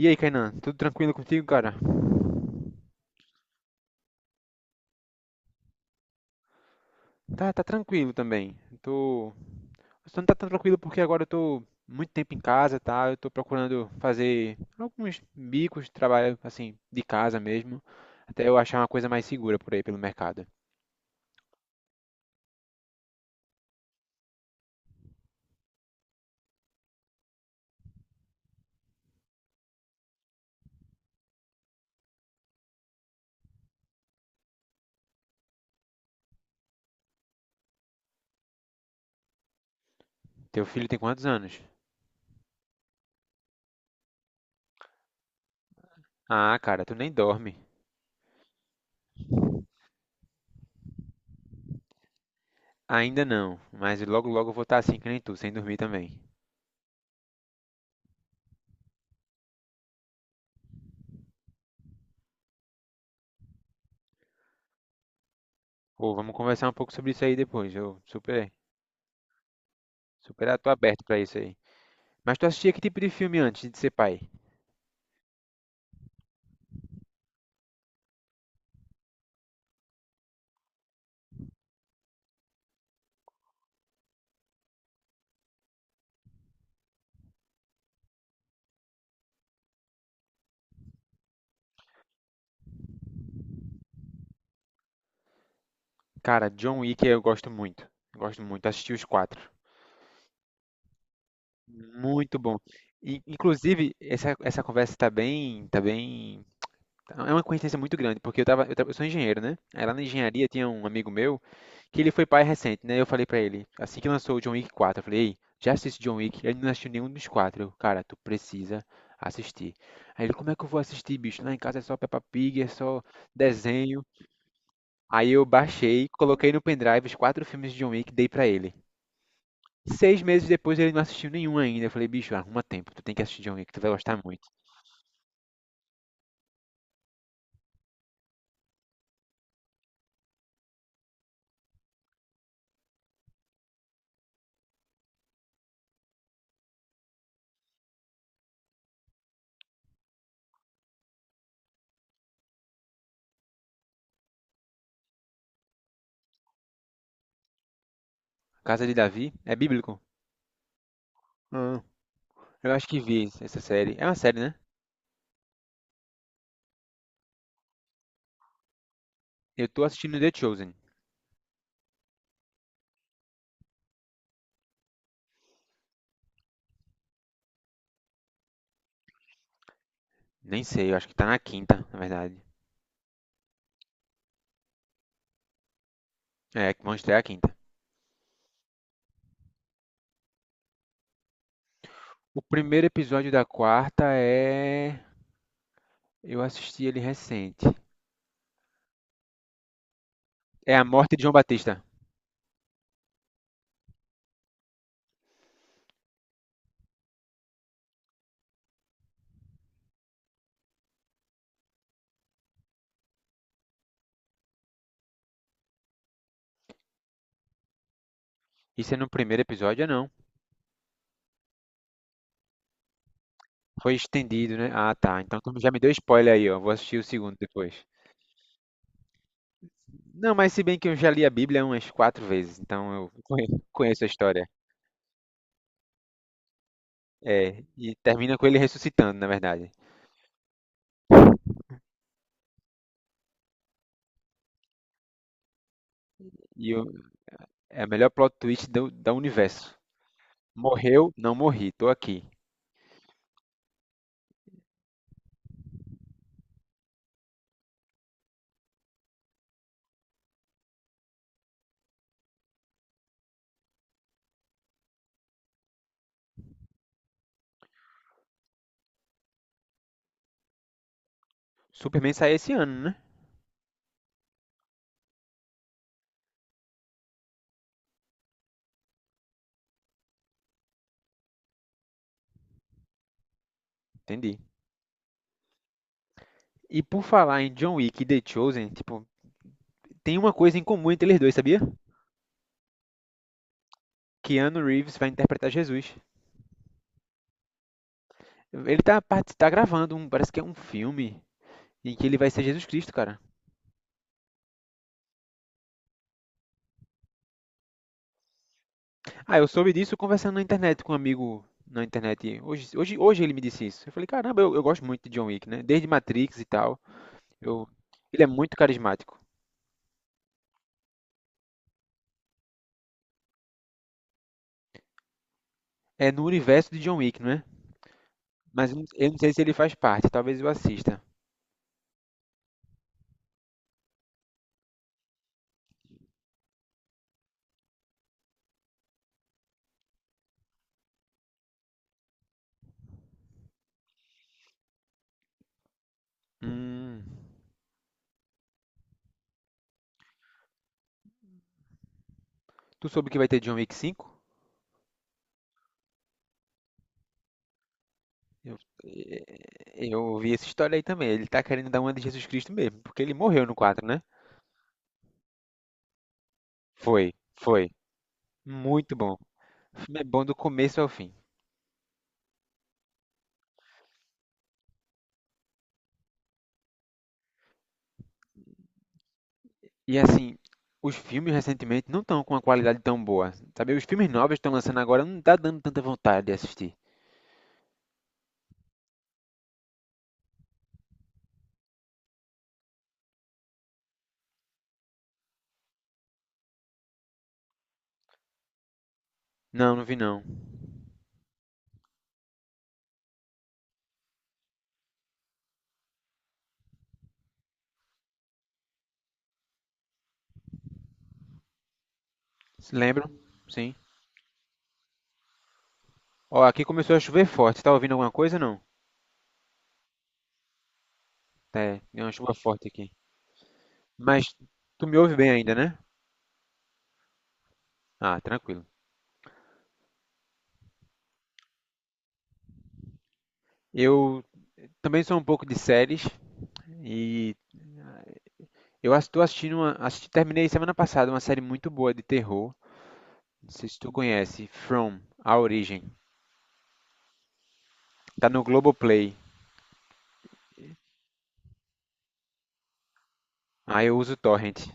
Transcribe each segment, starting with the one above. E aí, Kainan, tudo tranquilo contigo, cara? Tá, tá tranquilo também. Eu tô... Só não tá tão tranquilo porque agora eu tô muito tempo em casa, tá? Eu tô procurando fazer alguns bicos, trabalho assim, de casa mesmo, até eu achar uma coisa mais segura por aí pelo mercado. Teu filho tem quantos anos? Ah, cara, tu nem dorme. Ainda não, mas logo logo eu vou estar assim que nem tu, sem dormir também. Pô, vamos conversar um pouco sobre isso aí depois. Eu super tô aberto pra isso aí. Mas tu assistia que tipo de filme antes de ser pai? Cara, John Wick eu gosto muito. Eu gosto muito. Assisti os quatro. Muito bom. E, inclusive, essa conversa tá bem, tá bem. É uma coincidência muito grande, porque eu sou engenheiro, né? Aí lá na engenharia tinha um amigo meu que ele foi pai recente, né? Eu falei pra ele, assim que lançou o John Wick 4, eu falei, ei, já assisti John Wick? Ele não assistiu nenhum dos quatro. Eu, cara, tu precisa assistir. Aí ele, como é que eu vou assistir, bicho? Lá em casa é só Peppa Pig, é só desenho. Aí eu baixei, coloquei no pendrive os quatro filmes de John Wick, e dei pra ele. Seis meses depois ele não assistiu nenhum ainda. Eu falei, bicho, arruma tempo, tu tem que assistir John que tu vai gostar muito. Casa de Davi é bíblico? Ah, eu acho que vi essa série. É uma série, né? Eu tô assistindo The Chosen. Nem sei, eu acho que tá na quinta, na verdade. É, que vão estrear a quinta. O primeiro episódio da quarta é. Eu assisti ele recente. É a morte de João Batista. Isso é no primeiro episódio ou não? Foi estendido, né? Ah, tá. Então tu já me deu spoiler aí, ó. Vou assistir o segundo depois. Não, mas se bem que eu já li a Bíblia umas quatro vezes, então eu conheço a história. É, e termina com ele ressuscitando, na verdade. E o- É o melhor plot twist do universo. Morreu, não morri, tô aqui. Superman sai esse ano, né? Entendi. E por falar em John Wick e The Chosen, tipo, tem uma coisa em comum entre eles dois, sabia? Keanu Reeves vai interpretar Jesus. Tá gravando um, parece que é um filme em que ele vai ser Jesus Cristo, cara. Ah, eu soube disso conversando na internet com um amigo na internet. Hoje ele me disse isso. Eu falei, caramba, eu gosto muito de John Wick, né? Desde Matrix e tal. Eu, Ele é muito carismático. É no universo de John Wick, não é? Mas eu não sei se ele faz parte. Talvez eu assista. Hum, tu soube que vai ter John Wick 5? Eu, eh, eu ouvi essa história aí também. Ele tá querendo dar uma de Jesus Cristo mesmo, porque ele morreu no 4, né? Foi, foi. Muito bom. O filme é bom do começo ao fim. E assim, os filmes recentemente não estão com uma qualidade tão boa. Sabe, os filmes novos que estão lançando agora não tá dando tanta vontade de assistir. Não, não vi não. Lembram? Sim. Ó, aqui começou a chover forte. Tá ouvindo alguma coisa ou não? É, é uma chuva forte aqui. Mas tu me ouve bem ainda, né? Ah, tranquilo. Eu também sou um pouco de séries e tô assistindo uma, assisti, terminei semana passada uma série muito boa de terror. Não sei se tu conhece, From, A Origem. Tá no Globoplay. Ah, eu uso Torrent.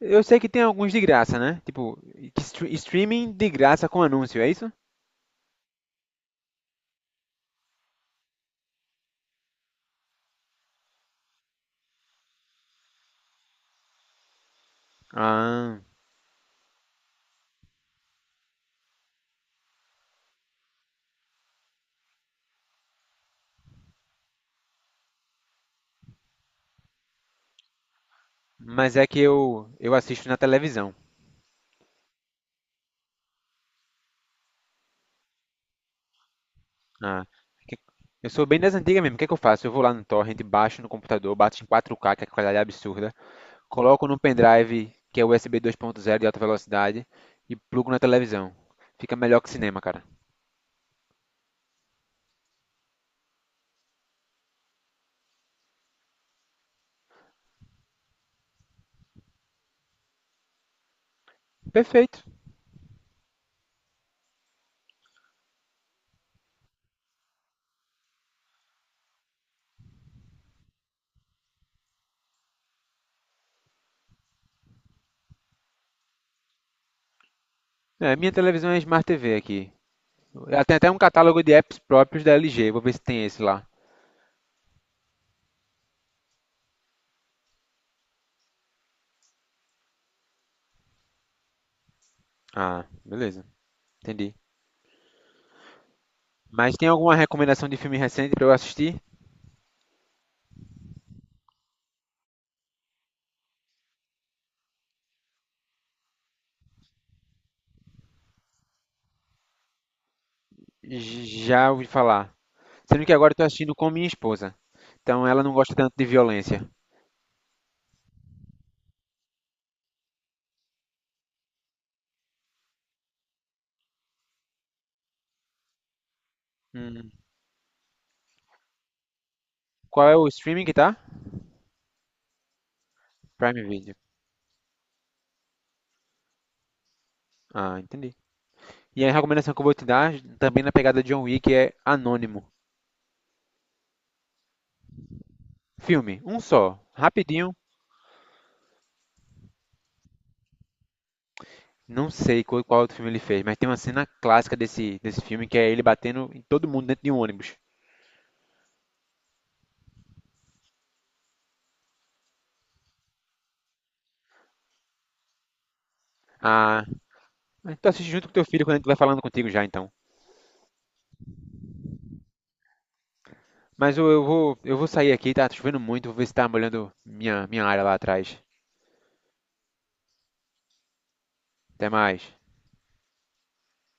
Eu sei que tem alguns de graça, né? Tipo, que streaming de graça com anúncio, é isso? Ah, mas é que eu assisto na televisão. Ah, que- eu sou bem das antigas mesmo. O que é que eu faço? Eu vou lá no torrent, baixo no computador, bato em 4K, que é a qualidade é absurda, coloco no pendrive, que é USB 2.0 de alta velocidade, e plugo na televisão. Fica melhor que cinema, cara. Perfeito. É, minha televisão é Smart TV aqui. Ela tem até um catálogo de apps próprios da LG. Vou ver se tem esse lá. Ah, beleza. Entendi. Mas tem alguma recomendação de filme recente pra eu assistir? Já ouvi falar. Sendo que agora eu tô assistindo com minha esposa. Então ela não gosta tanto de violência. Hum, Qual é o streaming que tá? Prime Video. Ah, entendi. E a recomendação que eu vou te dar, também na pegada de John Wick, é Anônimo. Filme, um só, rapidinho. Não sei qual, qual outro filme ele fez, mas tem uma cena clássica desse, desse filme que é ele batendo em todo mundo dentro de um ônibus. Ah, mas tu assiste junto com teu filho quando ele vai falando contigo já, então. Mas eu vou sair aqui, tá chovendo muito, vou ver se tá molhando minha área lá atrás. Até mais.